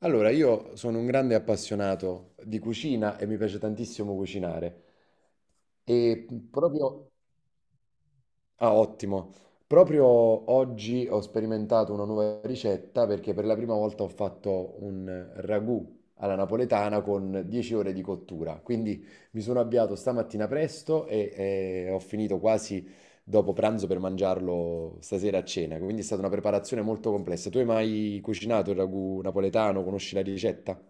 Allora, io sono un grande appassionato di cucina e mi piace tantissimo cucinare. E proprio... Ah, ottimo. Proprio oggi ho sperimentato una nuova ricetta perché per la prima volta ho fatto un ragù alla napoletana con 10 ore di cottura. Quindi mi sono avviato stamattina presto e ho finito quasi dopo pranzo per mangiarlo stasera a cena. Quindi è stata una preparazione molto complessa. Tu hai mai cucinato il ragù napoletano? Conosci la ricetta?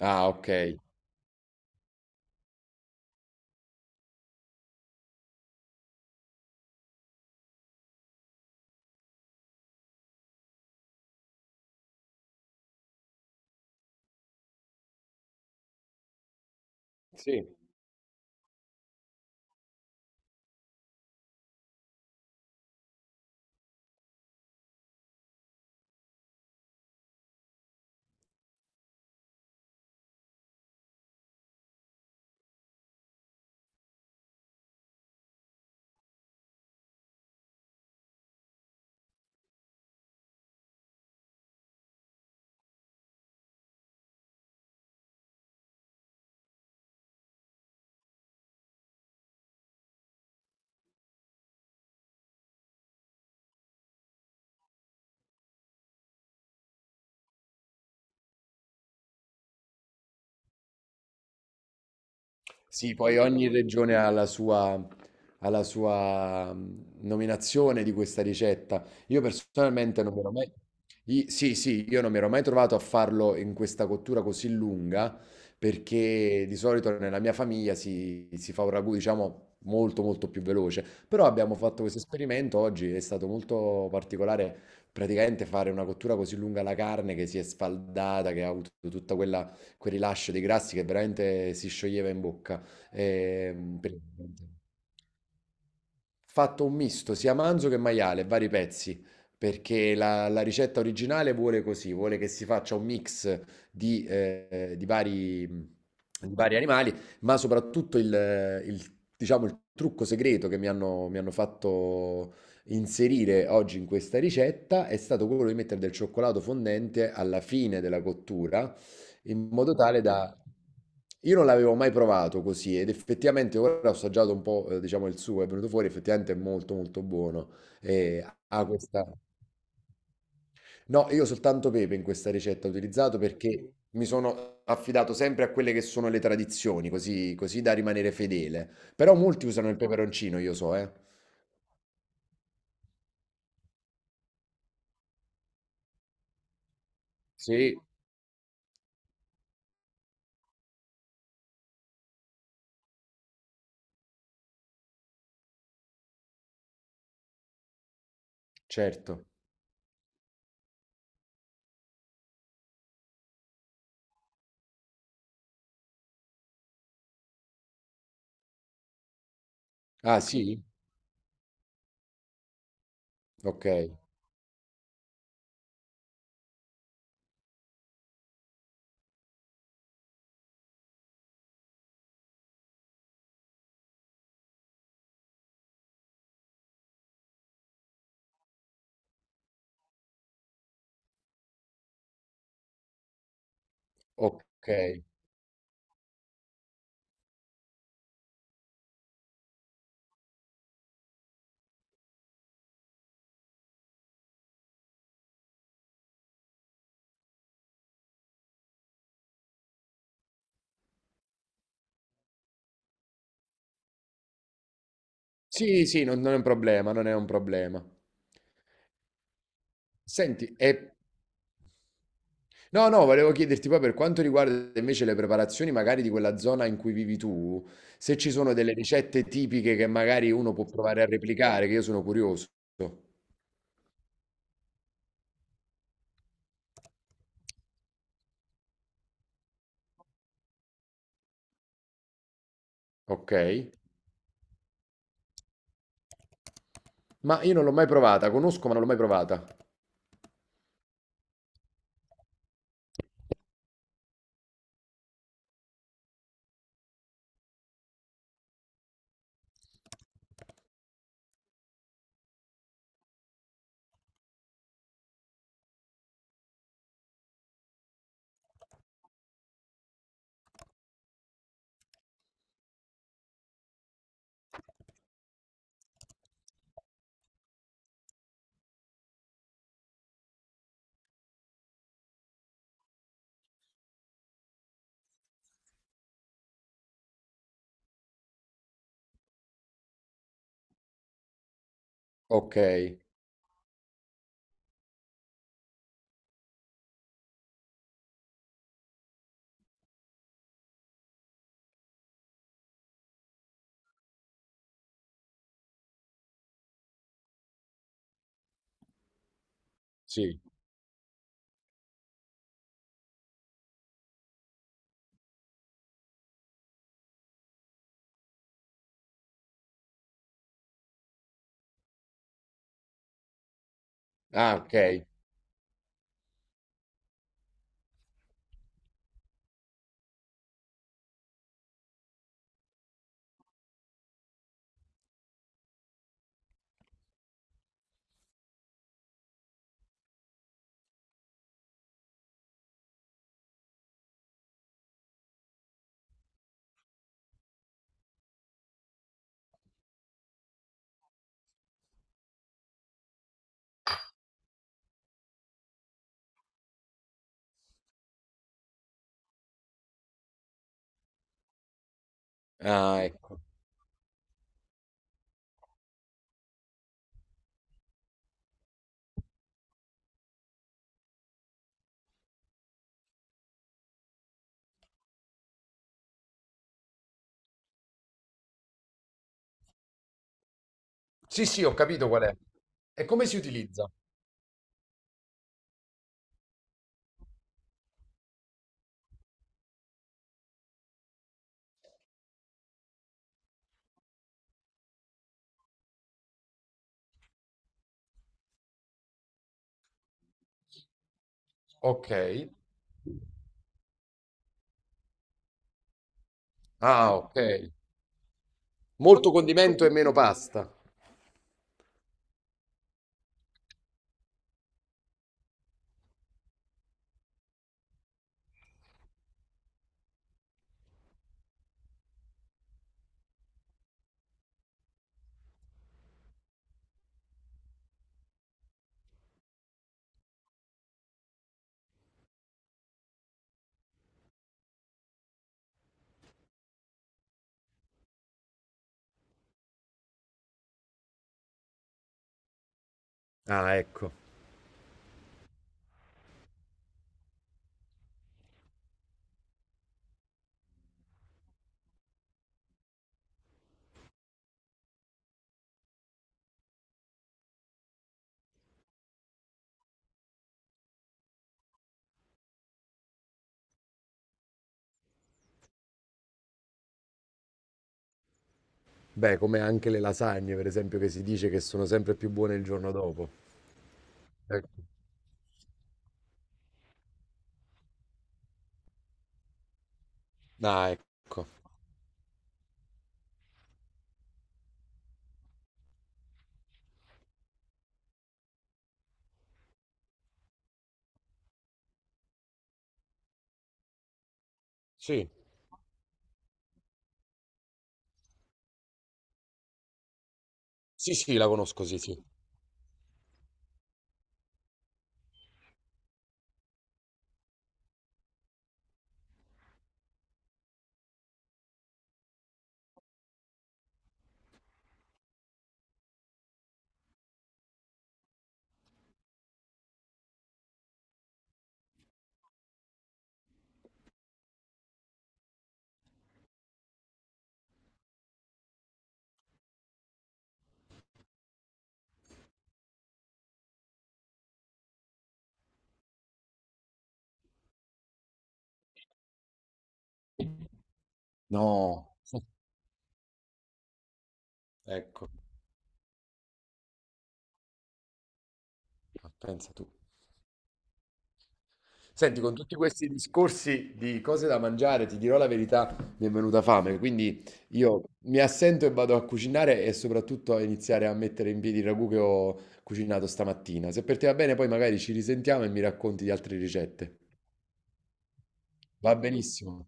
Ah, okay. Sì. Sì, poi ogni regione ha la sua nominazione di questa ricetta. Io personalmente non mi ero mai... I- Sì, sì, io non mi ero mai trovato a farlo in questa cottura così lunga, perché di solito nella mia famiglia si fa un ragù, diciamo, molto molto più veloce. Però abbiamo fatto questo esperimento oggi, è stato molto particolare, praticamente fare una cottura così lunga alla carne che si è sfaldata, che ha avuto tutta quel rilascio dei grassi che veramente si scioglieva in bocca. Ehm, per- Fatto un misto sia manzo che maiale, vari pezzi, perché la ricetta originale vuole così, vuole che si faccia un mix di vari animali, ma soprattutto diciamo, il trucco segreto che mi hanno fatto inserire oggi in questa ricetta è stato quello di mettere del cioccolato fondente alla fine della cottura in modo tale da... Io non l'avevo mai provato così ed effettivamente ora ho assaggiato un po', diciamo, il suo, è venuto fuori, effettivamente è molto molto buono. E ha questa... No, io soltanto pepe in questa ricetta ho utilizzato perché mi sono affidato sempre a quelle che sono le tradizioni, così, così da rimanere fedele. Però molti usano il peperoncino, io so, eh. Sì, certo. Ah, sì? Ok, ok. Sì, sì, non è un problema, non è un problema. Senti, e no, no, volevo chiederti poi per quanto riguarda invece le preparazioni magari di quella zona in cui vivi tu, se ci sono delle ricette tipiche che magari uno può provare a replicare, che io sono curioso. Ok. Ma io non l'ho mai provata, conosco ma non l'ho mai provata. Ok, sì. Ah, ok. Ah, ecco. Sì, sì, ho capito qual è. E come si utilizza? Ok. Ah, ok. Molto condimento e meno pasta. Ah, ecco. Beh, come anche le lasagne, per esempio, che si dice che sono sempre più buone il giorno dopo. Ecco. Ah, ecco. Sì, sì, sì, la conosco, sì, sì. No. Ecco, ma pensa tu. Senti, con tutti questi discorsi di cose da mangiare, ti dirò la verità, mi è venuta fame, quindi io mi assento e vado a cucinare e soprattutto a iniziare a mettere in piedi il ragù che ho cucinato stamattina. Se per te va bene, poi magari ci risentiamo e mi racconti di altre ricette. Va benissimo.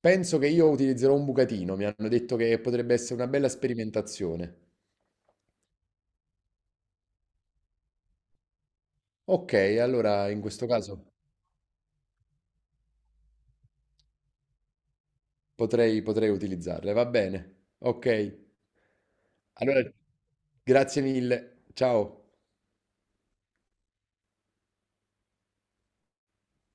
Penso che io utilizzerò un bucatino, mi hanno detto che potrebbe essere una bella sperimentazione. Ok, allora in questo caso potrei utilizzarle, va bene. Ok, allora grazie mille, ciao.